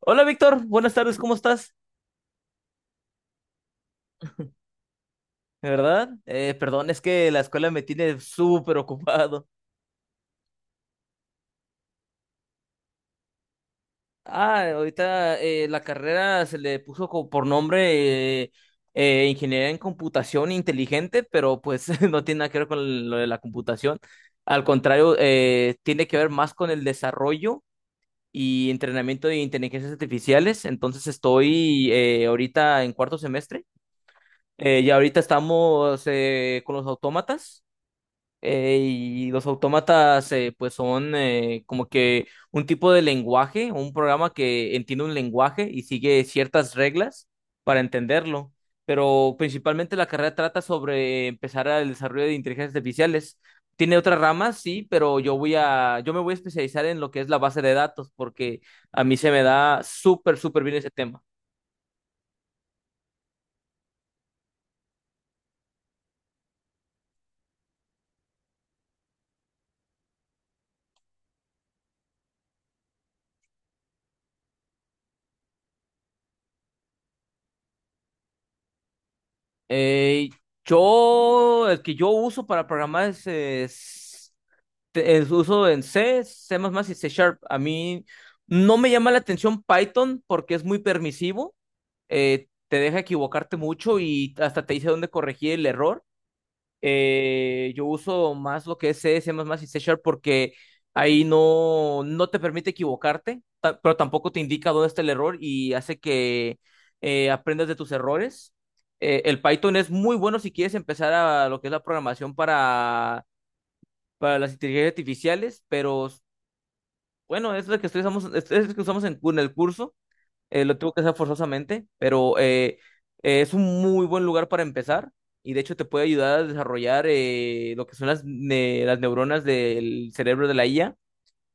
Hola Víctor, buenas tardes, ¿cómo estás? ¿De verdad? Perdón, es que la escuela me tiene súper ocupado. Ahorita la carrera se le puso por nombre Ingeniería en Computación Inteligente, pero pues no tiene nada que ver con lo de la computación. Al contrario, tiene que ver más con el desarrollo y entrenamiento de inteligencias artificiales. Entonces estoy ahorita en cuarto semestre. Y ahorita estamos con los autómatas. Y los autómatas, pues son como que un tipo de lenguaje, un programa que entiende un lenguaje y sigue ciertas reglas para entenderlo. Pero principalmente la carrera trata sobre empezar el desarrollo de inteligencias artificiales. Tiene otras ramas, sí, pero yo me voy a especializar en lo que es la base de datos, porque a mí se me da súper, súper bien ese tema. Eh, el que yo uso para programar es, uso en C, C++ y C Sharp. A mí no me llama la atención Python porque es muy permisivo, te deja equivocarte mucho y hasta te dice dónde corregir el error. Yo uso más lo que es C, C++ y C Sharp porque ahí no te permite equivocarte, pero tampoco te indica dónde está el error y hace que aprendas de tus errores. El Python es muy bueno si quieres empezar a lo que es la programación para las inteligencias artificiales, pero bueno, es lo que usamos, es lo que usamos en, en el curso, lo tengo que hacer forzosamente, pero es un muy buen lugar para empezar y de hecho te puede ayudar a desarrollar lo que son las neuronas del cerebro de la IA.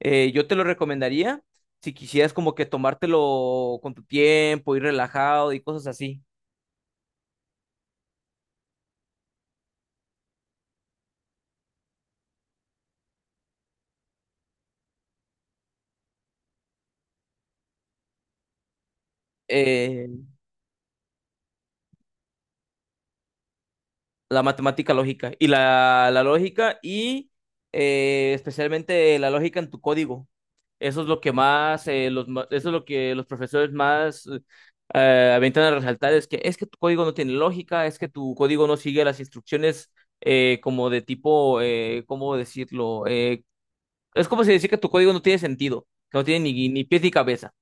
Yo te lo recomendaría si quisieras como que tomártelo con tu tiempo, ir relajado y cosas así. Eh, la matemática lógica y la lógica y especialmente la lógica en tu código. Eso es lo que más, eso es lo que los profesores más aventan a resaltar, es que tu código no tiene lógica, es que tu código no sigue las instrucciones como de tipo, ¿cómo decirlo? Es como si decir que tu código no tiene sentido, que no tiene ni pies ni cabeza.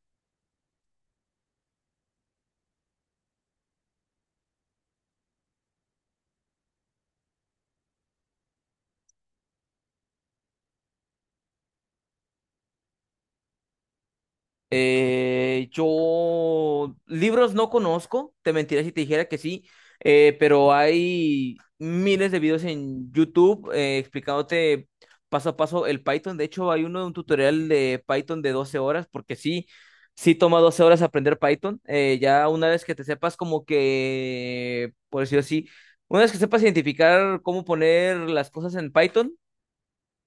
Yo libros no conozco, te mentiría si te dijera que sí, pero hay miles de videos en YouTube explicándote paso a paso el Python. De hecho, hay uno de un tutorial de Python de 12 horas, porque sí, sí toma 12 horas aprender Python. Ya una vez que te sepas como que, por decirlo así, una vez que sepas identificar cómo poner las cosas en Python,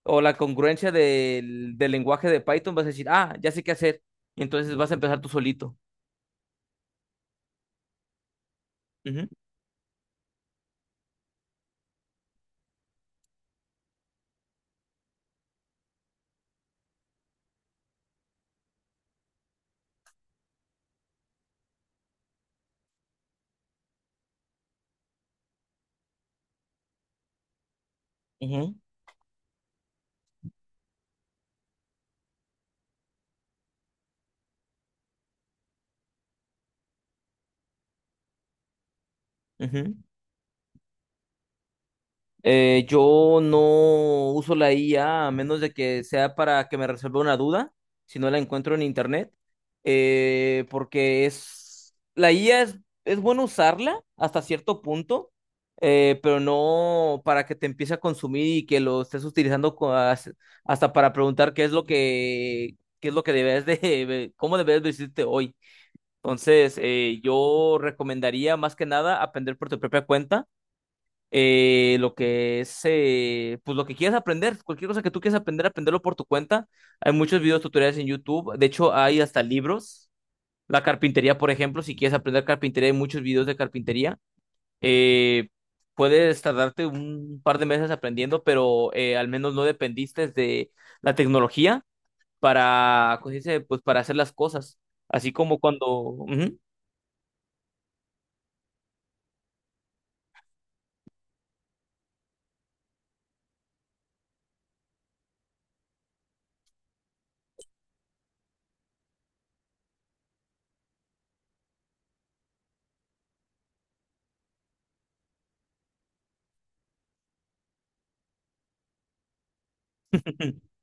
o la congruencia del lenguaje de Python, vas a decir, ah, ya sé qué hacer. Y entonces vas a empezar tú solito. Ujú, ujú, ujú. Yo no uso la IA a menos de que sea para que me resuelva una duda, si no la encuentro en internet, porque es la IA es bueno usarla hasta cierto punto, pero no para que te empiece a consumir y que lo estés utilizando hasta para preguntar qué es lo que debes de cómo debes vestirte hoy. Entonces, yo recomendaría más que nada aprender por tu propia cuenta lo que es, pues lo que quieras aprender, cualquier cosa que tú quieras aprender, aprenderlo por tu cuenta. Hay muchos videos tutoriales en YouTube, de hecho hay hasta libros. La carpintería, por ejemplo, si quieres aprender carpintería, hay muchos videos de carpintería. Eh, Puedes tardarte un par de meses aprendiendo, pero al menos no dependiste de la tecnología para, ¿cómo se dice? Pues para hacer las cosas. Así como cuando... Ujú.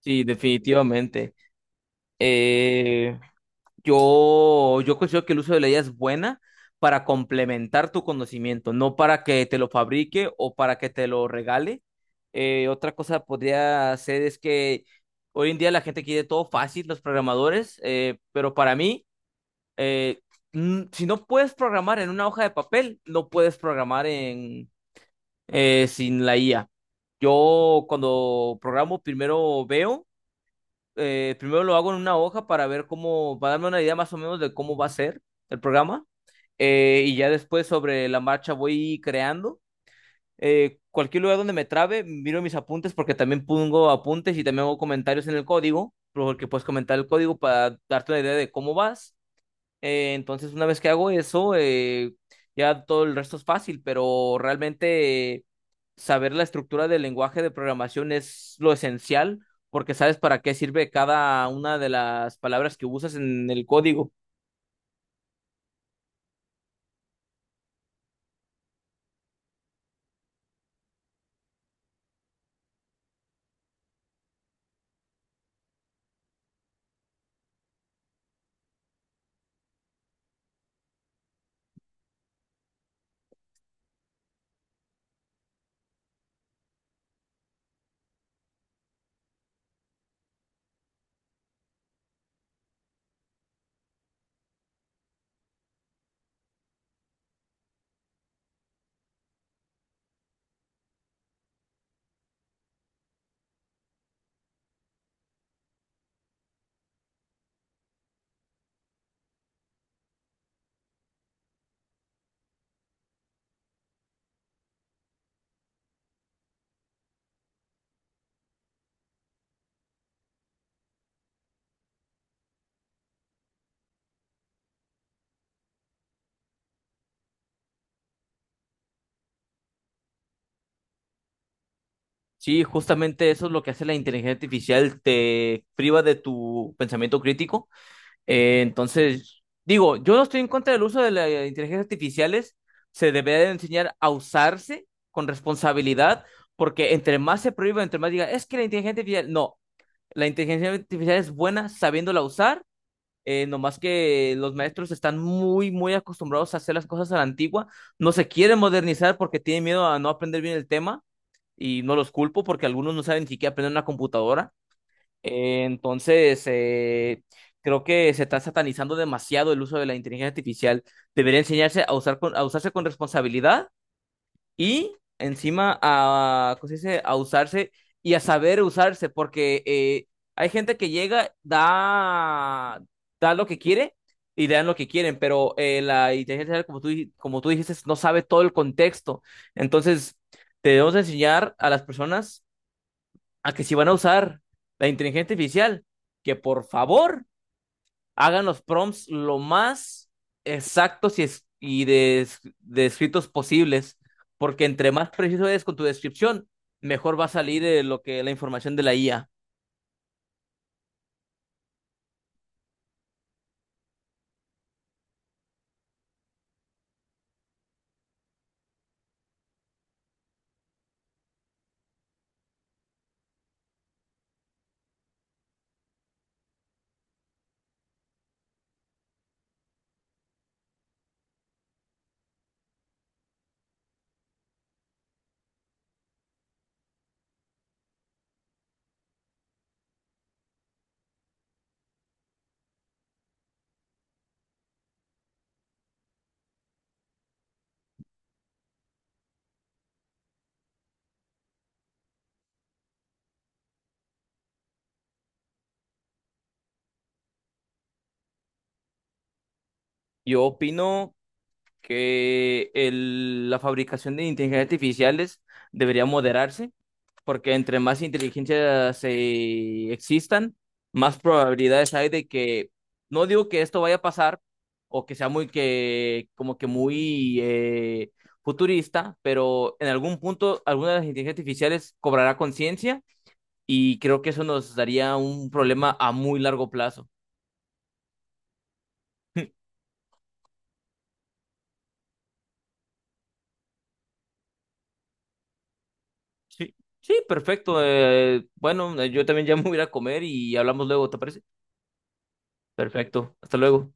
Sí, definitivamente. Eh, yo considero que el uso de la IA es buena para complementar tu conocimiento, no para que te lo fabrique o para que te lo regale. Otra cosa podría ser es que hoy en día la gente quiere todo fácil, los programadores, pero para mí, eh, si no puedes programar en una hoja de papel, no puedes programar en, sin la IA. Yo cuando programo primero veo primero lo hago en una hoja para ver cómo, para darme una idea más o menos de cómo va a ser el programa. Y ya después sobre la marcha voy creando. Cualquier lugar donde me trabe, miro mis apuntes porque también pongo apuntes y también hago comentarios en el código, porque puedes comentar el código para darte una idea de cómo vas. Entonces, una vez que hago eso, ya todo el resto es fácil, pero realmente saber la estructura del lenguaje de programación es lo esencial, porque sabes para qué sirve cada una de las palabras que usas en el código. Sí, justamente eso es lo que hace la inteligencia artificial, te priva de tu pensamiento crítico. Entonces, digo, yo no estoy en contra del uso de las inteligencias artificiales. Se debe de enseñar a usarse con responsabilidad, porque entre más se prohíba, entre más diga, es que la inteligencia artificial, no, la inteligencia artificial es buena sabiéndola usar. Nomás que los maestros están muy, muy acostumbrados a hacer las cosas a la antigua, no se quieren modernizar porque tienen miedo a no aprender bien el tema y no los culpo porque algunos no saben ni siquiera aprender una computadora. Eh, entonces, eh, Creo que se está satanizando demasiado el uso de la inteligencia artificial. Debería enseñarse a usar a usarse con responsabilidad y encima a, ¿cómo se dice? A usarse y a saber usarse, porque hay gente que llega, da lo que quiere y dan lo que quieren, pero la inteligencia artificial, como tú dijiste, no sabe todo el contexto. Entonces, debemos enseñar a las personas a que si van a usar la inteligencia artificial, que por favor hagan los prompts lo más exactos y descritos posibles, porque entre más preciso eres con tu descripción, mejor va a salir lo que la información de la IA. Yo opino la fabricación de inteligencias artificiales debería moderarse porque entre más inteligencias existan, más probabilidades hay de que, no digo que esto vaya a pasar o que sea como que muy futurista, pero en algún punto alguna de las inteligencias artificiales cobrará conciencia y creo que eso nos daría un problema a muy largo plazo. Sí, sí, perfecto. Bueno, yo también ya me voy a ir a comer y hablamos luego, ¿te parece? Perfecto, hasta luego.